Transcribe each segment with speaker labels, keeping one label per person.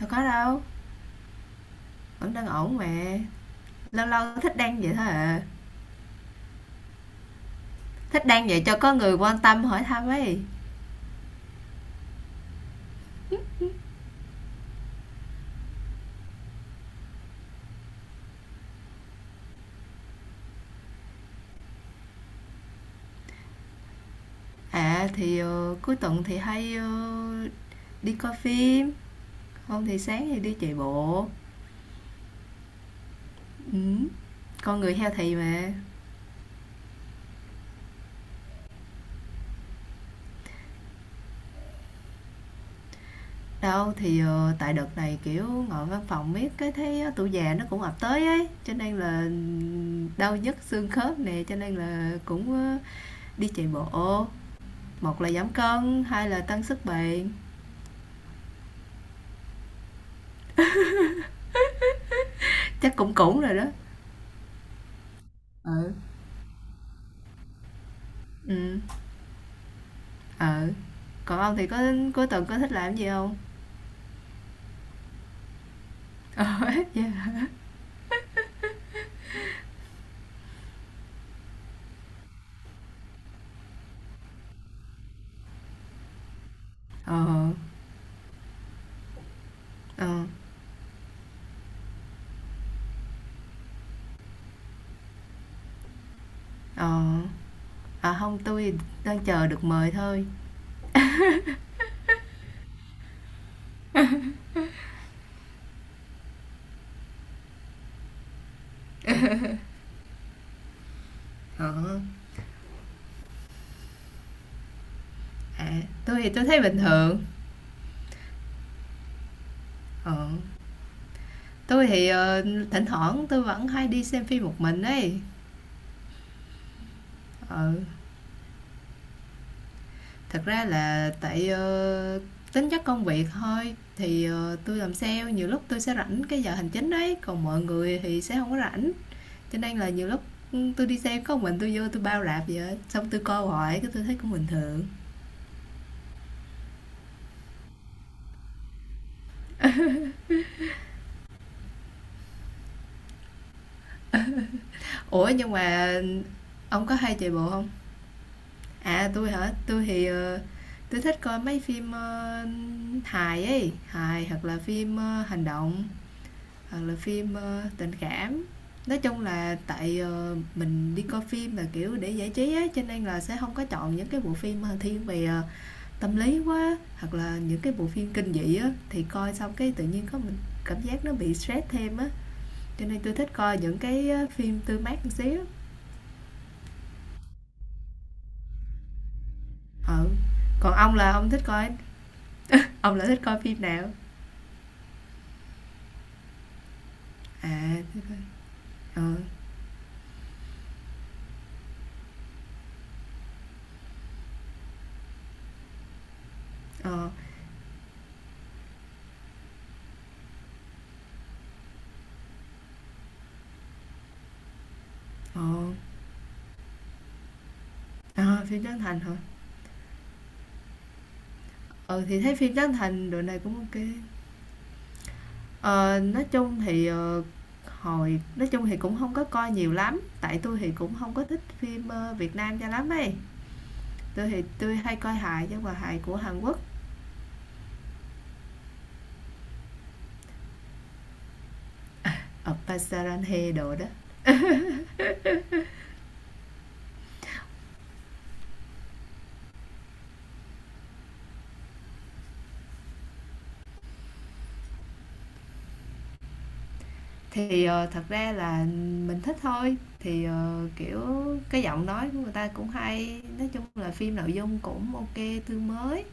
Speaker 1: Đâu có đâu, vẫn đang ổn mà. Lâu lâu thích đăng vậy thôi à. Thích đăng vậy cho có người quan tâm hỏi thăm ấy. Cuối tuần thì hay đi coi phim, không thì sáng thì đi chạy bộ. Ừ. Con người healthy mà. Tại đợt này kiểu ngồi văn phòng miết cái thấy tuổi già nó cũng ập tới ấy, cho nên là đau nhức xương khớp nè, cho nên là cũng đi chạy bộ. Một là giảm cân, hai là tăng sức bền. Chắc cũng cũng rồi đó. Ừ. ừ ờ Còn ông thì có cuối tuần có thích làm gì không? ờ dạ. ờ ờ ờ À không, tôi thì đang chờ được mời thôi. ờ À tôi thì tôi thấy bình thường. ờ tôi thì thỉnh thoảng tôi vẫn hay đi xem phim một mình ấy. ờ Thật ra là tại tính chất công việc thôi thì tôi làm sale, nhiều lúc tôi sẽ rảnh cái giờ hành chính đấy, còn mọi người thì sẽ không có rảnh. Cho nên là nhiều lúc, ừ, tôi đi xem có mình tôi, vô tôi bao rạp vậy á, xong tôi coi hoài cái tôi thấy cũng bình thường. Ủa, nhưng mà ông có hay chạy bộ không? À, tôi hả? Tôi thì, ờ, tui thích coi mấy phim, ơ, hài ấy, hài hoặc là phim, ơ, hành động, hoặc là phim, ơ, tình cảm. Nói chung là tại, ờ, mình đi coi phim là, kiểu, để giải trí á, cho nên là sẽ không có chọn những cái bộ phim, ờ, thiên về, ờ, tâm lý quá hoặc là những cái bộ phim kinh dị á, thì coi xong cái tự nhiên có mình cảm giác nó bị stress thêm á, cho nên tôi thích coi những cái phim tươi mát một xíu. Ừ, còn ông là ông thích coi, ông là thích coi phim nào? à ờ ờ ờ À, phim Trấn Thành hả? Ừ thì thấy phim Trấn Thành độ này cũng ok. Ờ nói chung thì hồi nói chung thì cũng không có coi nhiều lắm, tại tôi thì cũng không có thích phim Việt Nam cho lắm ấy. Tôi thì tôi hay coi hài chứ, mà hài của Hàn Quốc. Ờ, Pasarante đồ đó. Thì, ờ, thật ra là mình thích thôi, thì, ờ, kiểu, cái giọng nói của người ta cũng hay, nói chung là phim nội dung cũng ok, tươi mới.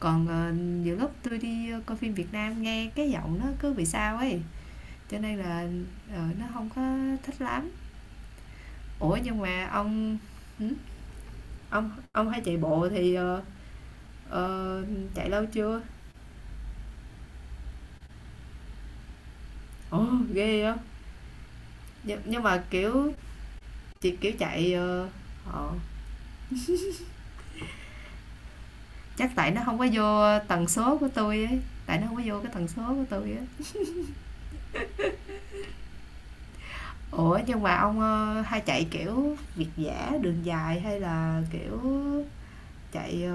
Speaker 1: Còn, ờ, nhiều lúc tôi đi coi phim Việt Nam nghe cái giọng nó cứ bị sao ấy, cho nên là, ờ, nó không có thích lắm. Ủa, nhưng mà ông hửm? Ông hay chạy bộ thì, ờ, ờ, chạy lâu chưa? Ồ, ghê vậy! Nhưng mà, kiểu, chỉ, kiểu, chạy, ờ, ờ. Chắc tại nó không có vô tần số của tôi ấy, tại nó không có vô cái tần số của tôi á. Ủa, nhưng mà ông, ơ, hay chạy, kiểu, việt dã, đường dài hay là, kiểu, chạy, ờ,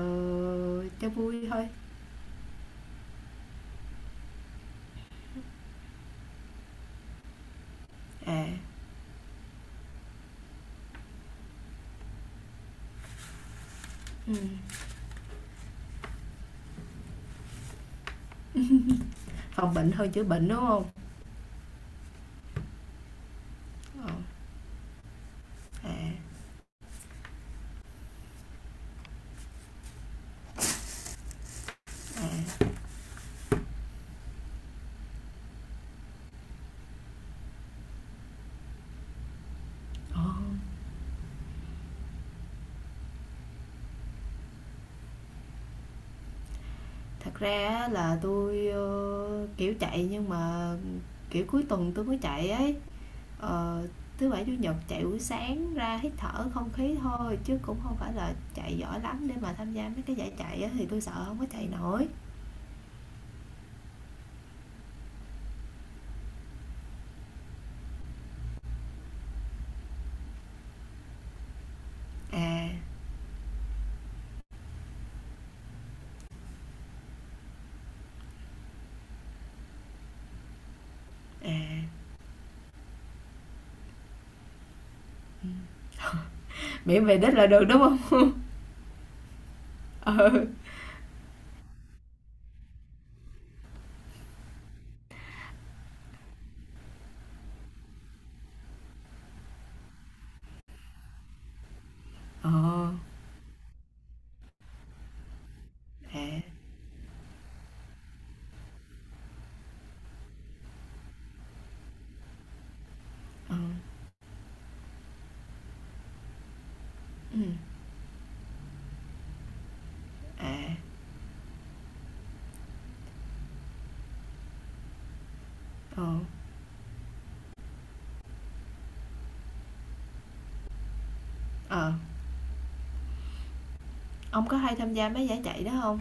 Speaker 1: cho vui thôi? À, ừm, phòng bệnh hơn chữa bệnh, đúng không? Ờ, à, à, ờ. Thật ra á là tôi ơ, kiểu, chạy nhưng mà, kiểu, cuối tuần tôi mới chạy ấy. Ờ, thứ bảy chủ nhật chạy buổi sáng ra hít thở không khí thôi, chứ cũng không phải là chạy giỏi lắm để mà tham gia mấy cái giải chạy á, thì tôi sợ không có chạy nổi. à à Miễn về đích là được đúng không? ừ ờ à ờ ừ à ờ ờ ông có hay tham gia mấy giải chạy đó không?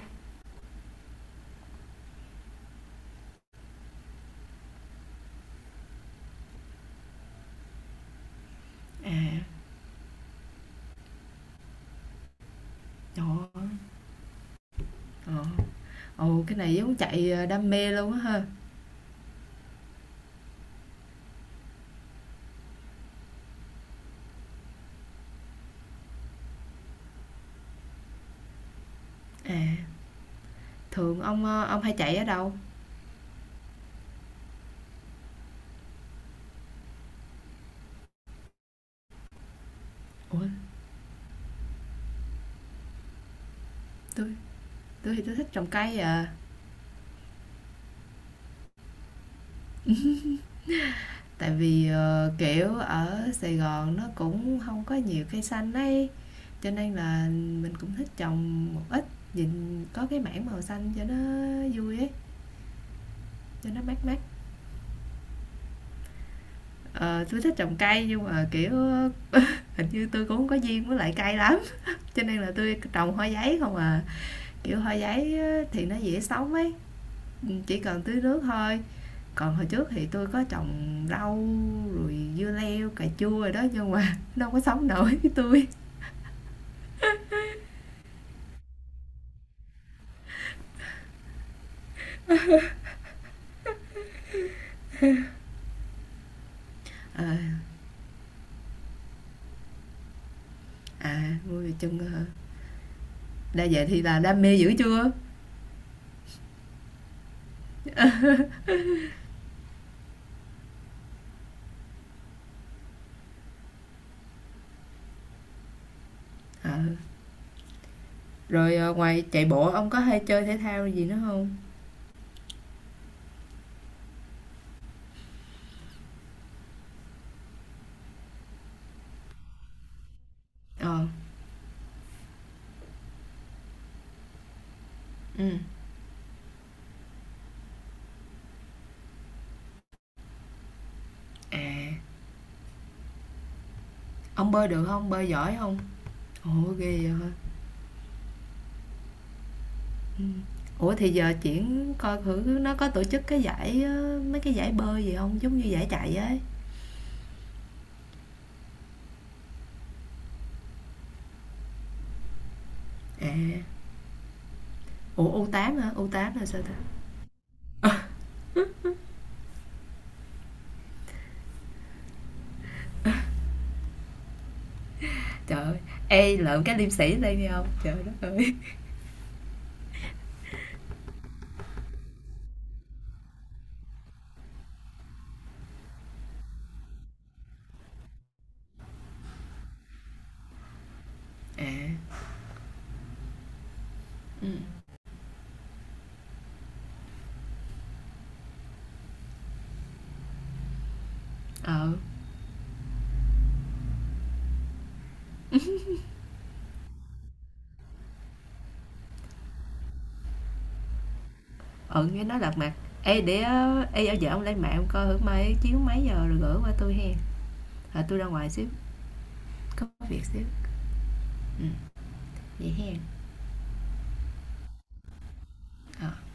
Speaker 1: Trời ơi. ờ Ồ, cái này giống chạy đam mê luôn á ha. À, thường ông ông hay chạy ở đâu? Ủa, tôi tôi thì tôi thích trồng cây à. Tại vì, ờ, kiểu, ở Sài Gòn nó cũng không có nhiều cây xanh ấy, cho nên là mình cũng thích trồng một ít, nhìn có cái mảng màu xanh cho nó vui ấy, cho nó mát mát. Ờ, tui thích trồng cây nhưng mà, kiểu, hình như tôi cũng hông có duyên với lại cây lắm, cho nên là tôi trồng hoa giấy không à. Kiểu, hoa giấy thì nó dễ sống ấy, chỉ cần tưới nước thôi. Còn hồi trước thì tôi có trồng rau rồi dưa leo, cà chua rồi đó nhưng mà nó hông có sống nổi với tôi. À, vui chân cơ hả? Đã vậy thì là đam mê dữ chưa? Rồi ờ, ngoài chạy bộ ông có hay chơi thể thao gì nữa không? Ờ, ừ. À, ông bơi được không? Bơi giỏi không? Ủa ghê vậy hả? Ủa thì giờ chuyển coi thử nó có tổ chức cái giải mấy cái giải bơi gì không? Giống như giải chạy ấy. À, ủa U8 hả? U8 là sao ta? Trời ơi, ê lượm cái liêm sĩ lên đi ông. Trời đất ơi. À, ừ. Ờ, ừ cái nói lật mặt. Ê để ờ, ê ở vợ ông lên mạng ông coi thử mai chiếu mấy giờ rồi gửi qua tôi hen. À, tôi ra ngoài xíu, có việc xíu. Ừ vậy hen. Ờ.